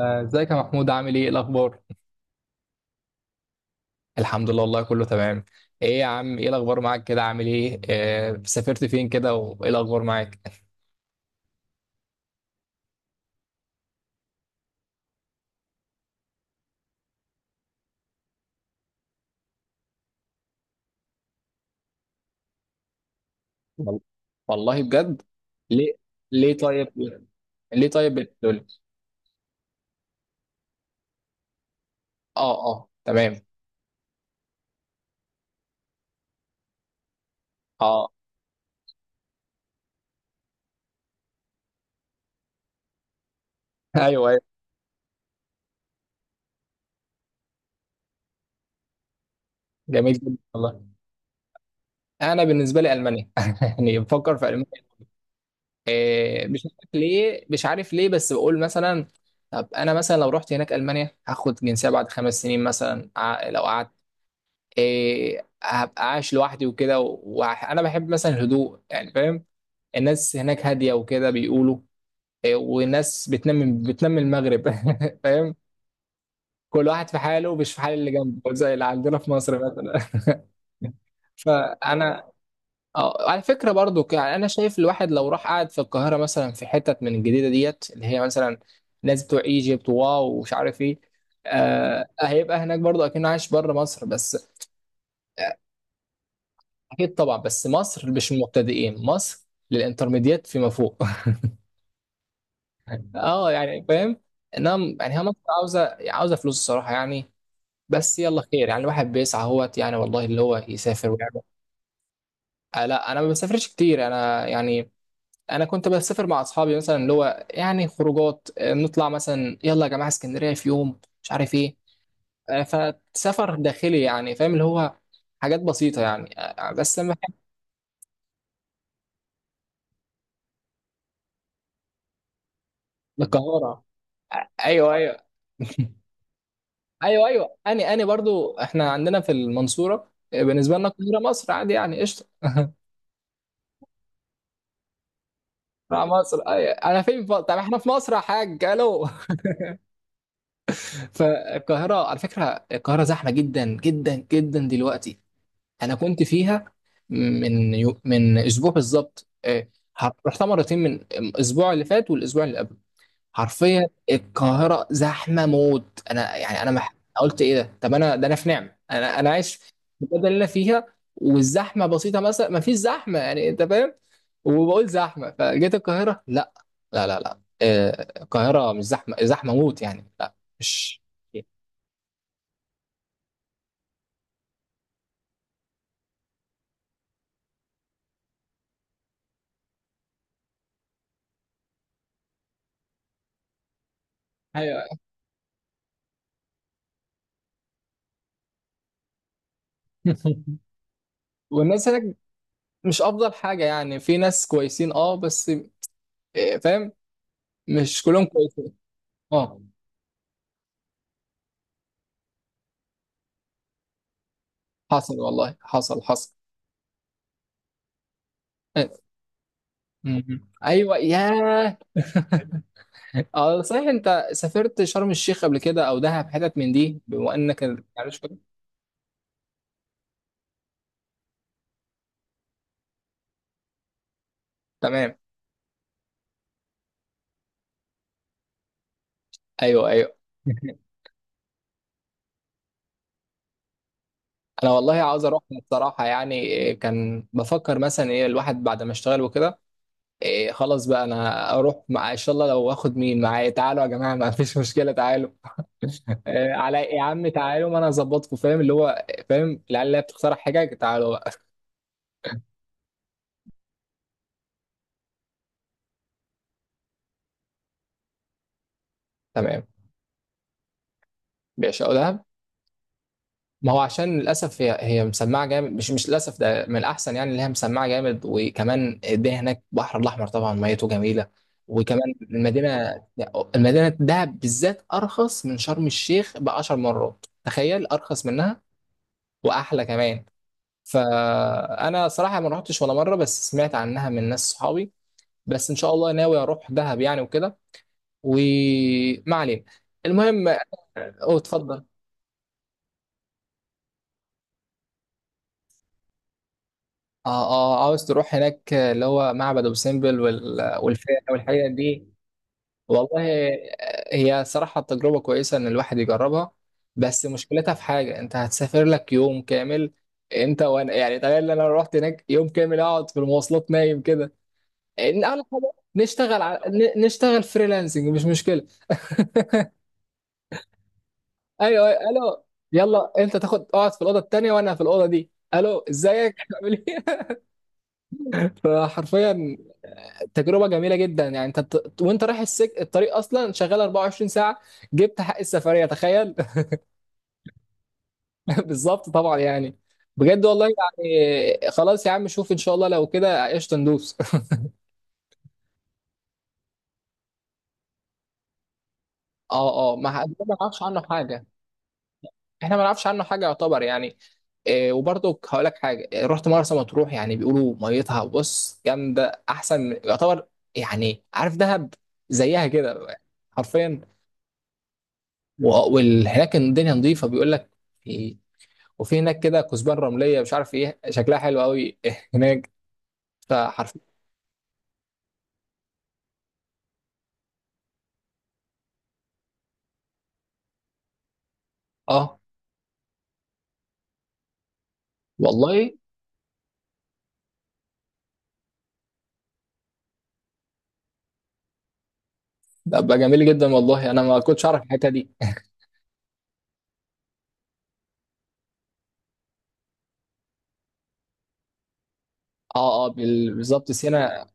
آه، ازيك يا محمود؟ عامل ايه؟ إيه الاخبار؟ الحمد لله والله كله تمام. ايه يا عم، ايه الاخبار معاك؟ كده عامل ايه؟ آه، سافرت فين كده وايه الاخبار معاك؟ وال- والله بجد. ليه؟ ليه طيب؟ ليه طيب بتقول؟ اه اه تمام. اه، ايوه ايوه. جميل جدا والله. انا بالنسبه لي المانيا، يعني بفكر في المانيا. مش عارف ليه، مش عارف ليه، بس بقول مثلا. طب انا مثلا لو رحت هناك المانيا هاخد جنسيه بعد 5 سنين مثلا، لو قعدت، إيه، هبقى عايش لوحدي وكده. وانا بحب مثلا الهدوء، يعني فاهم؟ الناس هناك هاديه وكده بيقولوا. إيه، وناس بتنام المغرب. فاهم؟ كل واحد في حاله، مش في حال اللي جنبه زي اللي عندنا في مصر مثلا. فانا اه، على فكره برضو، يعني انا شايف الواحد لو راح قاعد في القاهره مثلا، في حتت من الجديده ديت اللي هي مثلا ناس بتوع ايجيبت وواو ومش عارف ايه، آه هيبقى هناك برضو اكنه عايش بره مصر بس. اكيد طبعا، بس مصر مش المبتدئين، مصر للانترميديات فيما فوق. اه، يعني فاهم. انها يعني هي مصر عاوزه فلوس الصراحه يعني. بس يلا خير، يعني الواحد بيسعى اهوت، يعني والله اللي هو يسافر ويعمل. آه لا، انا ما بسافرش كتير انا يعني. انا كنت بسافر مع اصحابي مثلا، اللي هو يعني خروجات، آه، نطلع مثلا يلا يا جماعه اسكندريه في يوم، مش عارف ايه. آه، فسفر داخلي، يعني فاهم اللي هو، حاجات بسيطه يعني. آه، بس لما القاهره. ايوه ايوه. ايوه ايوه، اني برضو احنا عندنا في المنصوره، آه، بالنسبه لنا القاهره مصر عادي يعني، قشطه. مع مصر، أيوة. انا فين، طب احنا في مصر يا حاج. الو. فالقاهره على فكره، القاهره زحمه جدا جدا جدا دلوقتي. انا كنت فيها من من اسبوع بالظبط، إيه، رحتها مرتين من الاسبوع اللي فات والاسبوع اللي قبل. حرفيا القاهرة زحمة موت، انا يعني انا قلت ايه ده، طب انا، ده انا في نعمة. انا انا عايش في البلد اللي انا فيها والزحمة بسيطة مثلا، ما فيش زحمة يعني، انت فاهم؟ وبقول زحمة، فجيت القاهرة، لا لا لا لا، آه، القاهرة مش زحمة زحمة موت يعني، لا مش. ايوه. والناس هناك مش افضل حاجة يعني، في ناس كويسين اه بس، آه، فاهم، مش كلهم كويسين. اه حصل والله، حصل حصل. آه، مم. ايوه، ياه. اه صحيح، انت سافرت شرم الشيخ قبل كده او دهب، حتت من دي؟ بما انك عارف كده. تمام. ايوه ايوه. انا والله عاوز اروح بصراحه يعني. إيه، كان بفكر مثلا ايه الواحد بعد ما اشتغل وكده. إيه خلاص بقى انا اروح، مع ان شاء الله لو واخد مين معايا، تعالوا يا جماعه، ما فيش مشكله تعالوا. إيه، على يا عم، تعالوا ما انا اظبطكم، فاهم اللي هو، فاهم العيال اللي هي بتقترح حاجه، تعالوا بقى. تمام. بيعشقوا دهب. ما هو عشان للاسف هي مسمعه جامد، مش للاسف ده من الاحسن يعني، اللي هي مسمعه جامد، وكمان الدنيا هناك البحر الاحمر طبعا، ميته جميله، وكمان المدينه، المدينه دهب بالذات ارخص من شرم الشيخ ب 10 مرات، تخيل، ارخص منها واحلى كمان. فانا صراحه ما رحتش ولا مره، بس سمعت عنها من ناس صحابي. بس ان شاء الله ناوي اروح دهب يعني وكده. وما علينا، المهم. اوه اتفضل. اه اه، عاوز تروح هناك اللي هو معبد ابو سمبل والفيله والحاجات دي. والله هي صراحه تجربه كويسه ان الواحد يجربها، بس مشكلتها في حاجه، انت هتسافر لك يوم كامل انت وانا، يعني تخيل ان انا رحت هناك يوم كامل اقعد في المواصلات نايم كده. إن اول حاجه نشتغل على نشتغل فريلانسنج، مش مشكله. ايوه أيوة، الو. يلا انت تاخد اقعد في الاوضه التانيه وانا في الاوضه دي، الو، ازيك، عامل ايه؟ فحرفيا تجربه جميله جدا يعني. انت وانت رايح الطريق اصلا شغال 24 ساعه، جبت حق السفريه، تخيل. بالظبط طبعا يعني. بجد والله يعني، خلاص يا عم شوف، ان شاء الله لو كده قشطه ندوس. اه اه، ما ح- ده ما نعرفش عنه حاجه. احنا ما نعرفش عنه حاجه يعتبر يعني. إيه، وبرضه هقول لك حاجه، إيه، رحت مرسى مطروح. يعني بيقولوا ميتها بص جامده، احسن يعتبر يعني، عارف دهب؟ زيها كده حرفيا. وهناك الدنيا نظيفه بيقول لك، في- وفي هناك كده كثبان رمليه، مش عارف ايه، شكلها حلو قوي هناك. فحرف اه والله، ده بقى جميل جدا والله، انا ما كنتش اعرف الحته دي. اه اه، بالظبط سينا.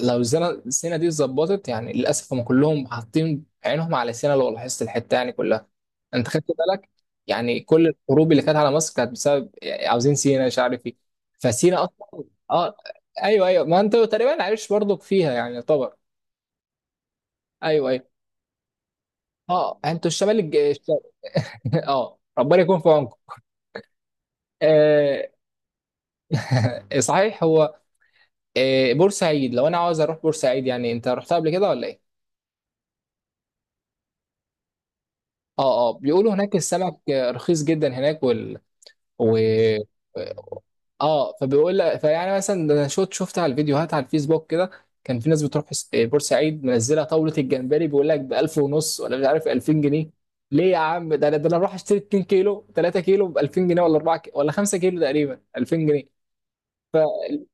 لو سينا، السينا دي اتظبطت يعني. للاسف هم كلهم حاطين عينهم على سينا، لو لاحظت، الحته يعني كلها، انت خدت بالك؟ يعني كل الحروب اللي كانت على مصر كانت بسبب، يعني عاوزين سينا، مش عارف ايه. فسينا اصلا اه. ايوه ايوه، ما انت تقريبا عايش برضك فيها يعني طبعا. ايوه ايوه. اه انتوا الشمال الشمال. اه، ربنا يكون في عونكم. آه. صحيح هو، آه بورسعيد، لو انا عاوز اروح بورسعيد يعني، انت رحتها قبل كده ولا ايه؟ اه اه، بيقولوا هناك السمك، آه، رخيص جدا هناك وال، و، اه فبيقول لك، فيعني مثلا، ده انا شفت على الفيديوهات على الفيسبوك كده، كان في ناس بتروح بورسعيد منزله طاوله الجمبري بيقول لك ب 1000 ونص ولا مش عارف 2000 جنيه. ليه يا عم، ده انا، ده انا اروح اشتري 2 كيلو 3 كيلو ب 2000 جنيه، ولا 4 كيلو ولا 5 كيلو تقريبا 2000 جنيه. فاكيد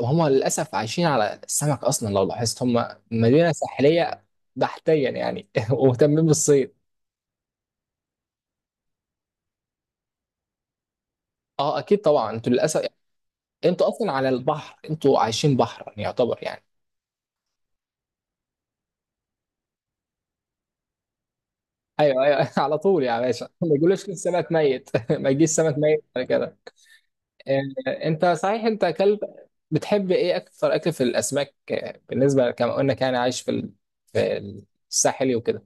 هم للاسف عايشين على السمك اصلا، لو لاحظت، هم مدينه ساحليه بحتيا يعني، ومهتمين بالصيد. اه اكيد طبعا، انتوا للاسف يعني انتوا اصلا على البحر، انتوا عايشين بحر يعني يعتبر يعني. ايوه ايوه. على طول يا باشا، ما يقولوش السمك ميت، ما يجيش سمك ميت ولا كده. آه، انت صحيح انت كلب، بتحب ايه اكثر اكل في الاسماك؟ آه، بالنسبه كما قلنا كان عايش في في الساحلي وكده.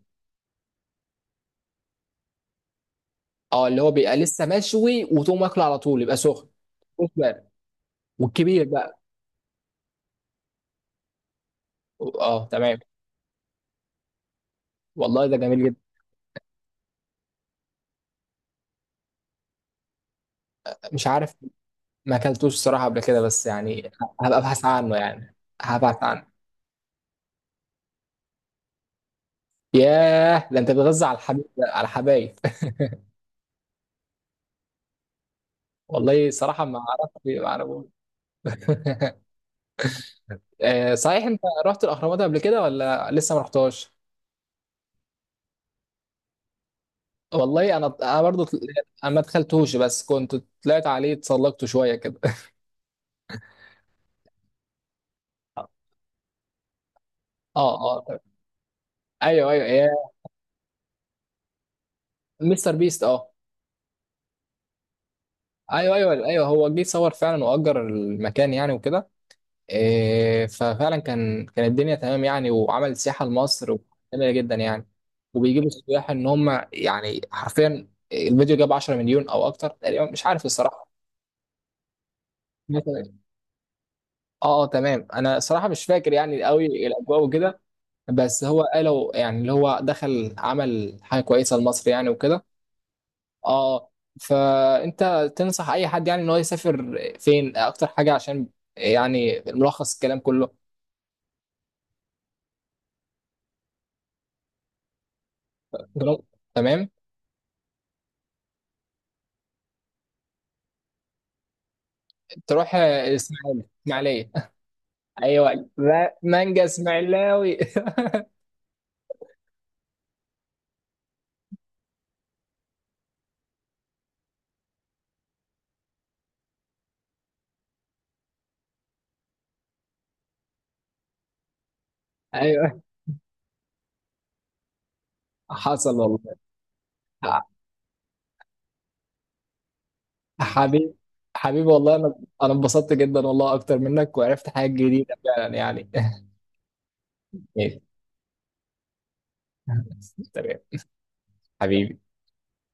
اه، اللي هو بيبقى لسه مشوي وتقوم واكله على طول، يبقى سخن. والكبير بقى، اه تمام. والله ده جميل جدا. مش عارف، ما اكلتوش الصراحه قبل كده، بس يعني هبقى ابحث عنه يعني، هبحث عنه. ياه، ده انت بتغذى على الحبيب، على الحبايب. والله صراحه ما اعرفش، ما اعرفوش. آه، صحيح، انت رحت الاهرامات قبل كده ولا لسه ما رحتاش؟ والله انا انا برضو انا ما دخلتوش، بس كنت طلعت عليه، اتسلقت شويه كده. اه اه طيب. ايوه ايوه يا مستر بيست، اه. ايوه ايوه ايوه، هو جه صور فعلا واجر المكان يعني وكده. إيه، ففعلا كان كان الدنيا تمام يعني، وعمل سياحه لمصر جميله جدا يعني. وبيجيب السياح ان هم يعني، حرفيا الفيديو جاب 10 مليون او اكتر تقريبا، مش عارف الصراحه، مثلا. اه اه تمام، انا صراحه مش فاكر يعني قوي الاجواء وكده. بس هو قالوا يعني، اللي هو دخل عمل حاجه كويسه لمصر يعني وكده. اه. فانت تنصح اي حد يعني ان هو يسافر فين اكتر حاجه؟ عشان يعني ملخص الكلام كله. تمام. تروح اسماعيليه، اسماعيليه. ايوه لا، مانجا اسماعيلاوي. ايوه حصل والله. حبيب، حبيبي والله، انا انا انبسطت جدا والله اكتر منك، وعرفت حاجات جديده فعلا يعني. ماشي. تمام. حبيبي.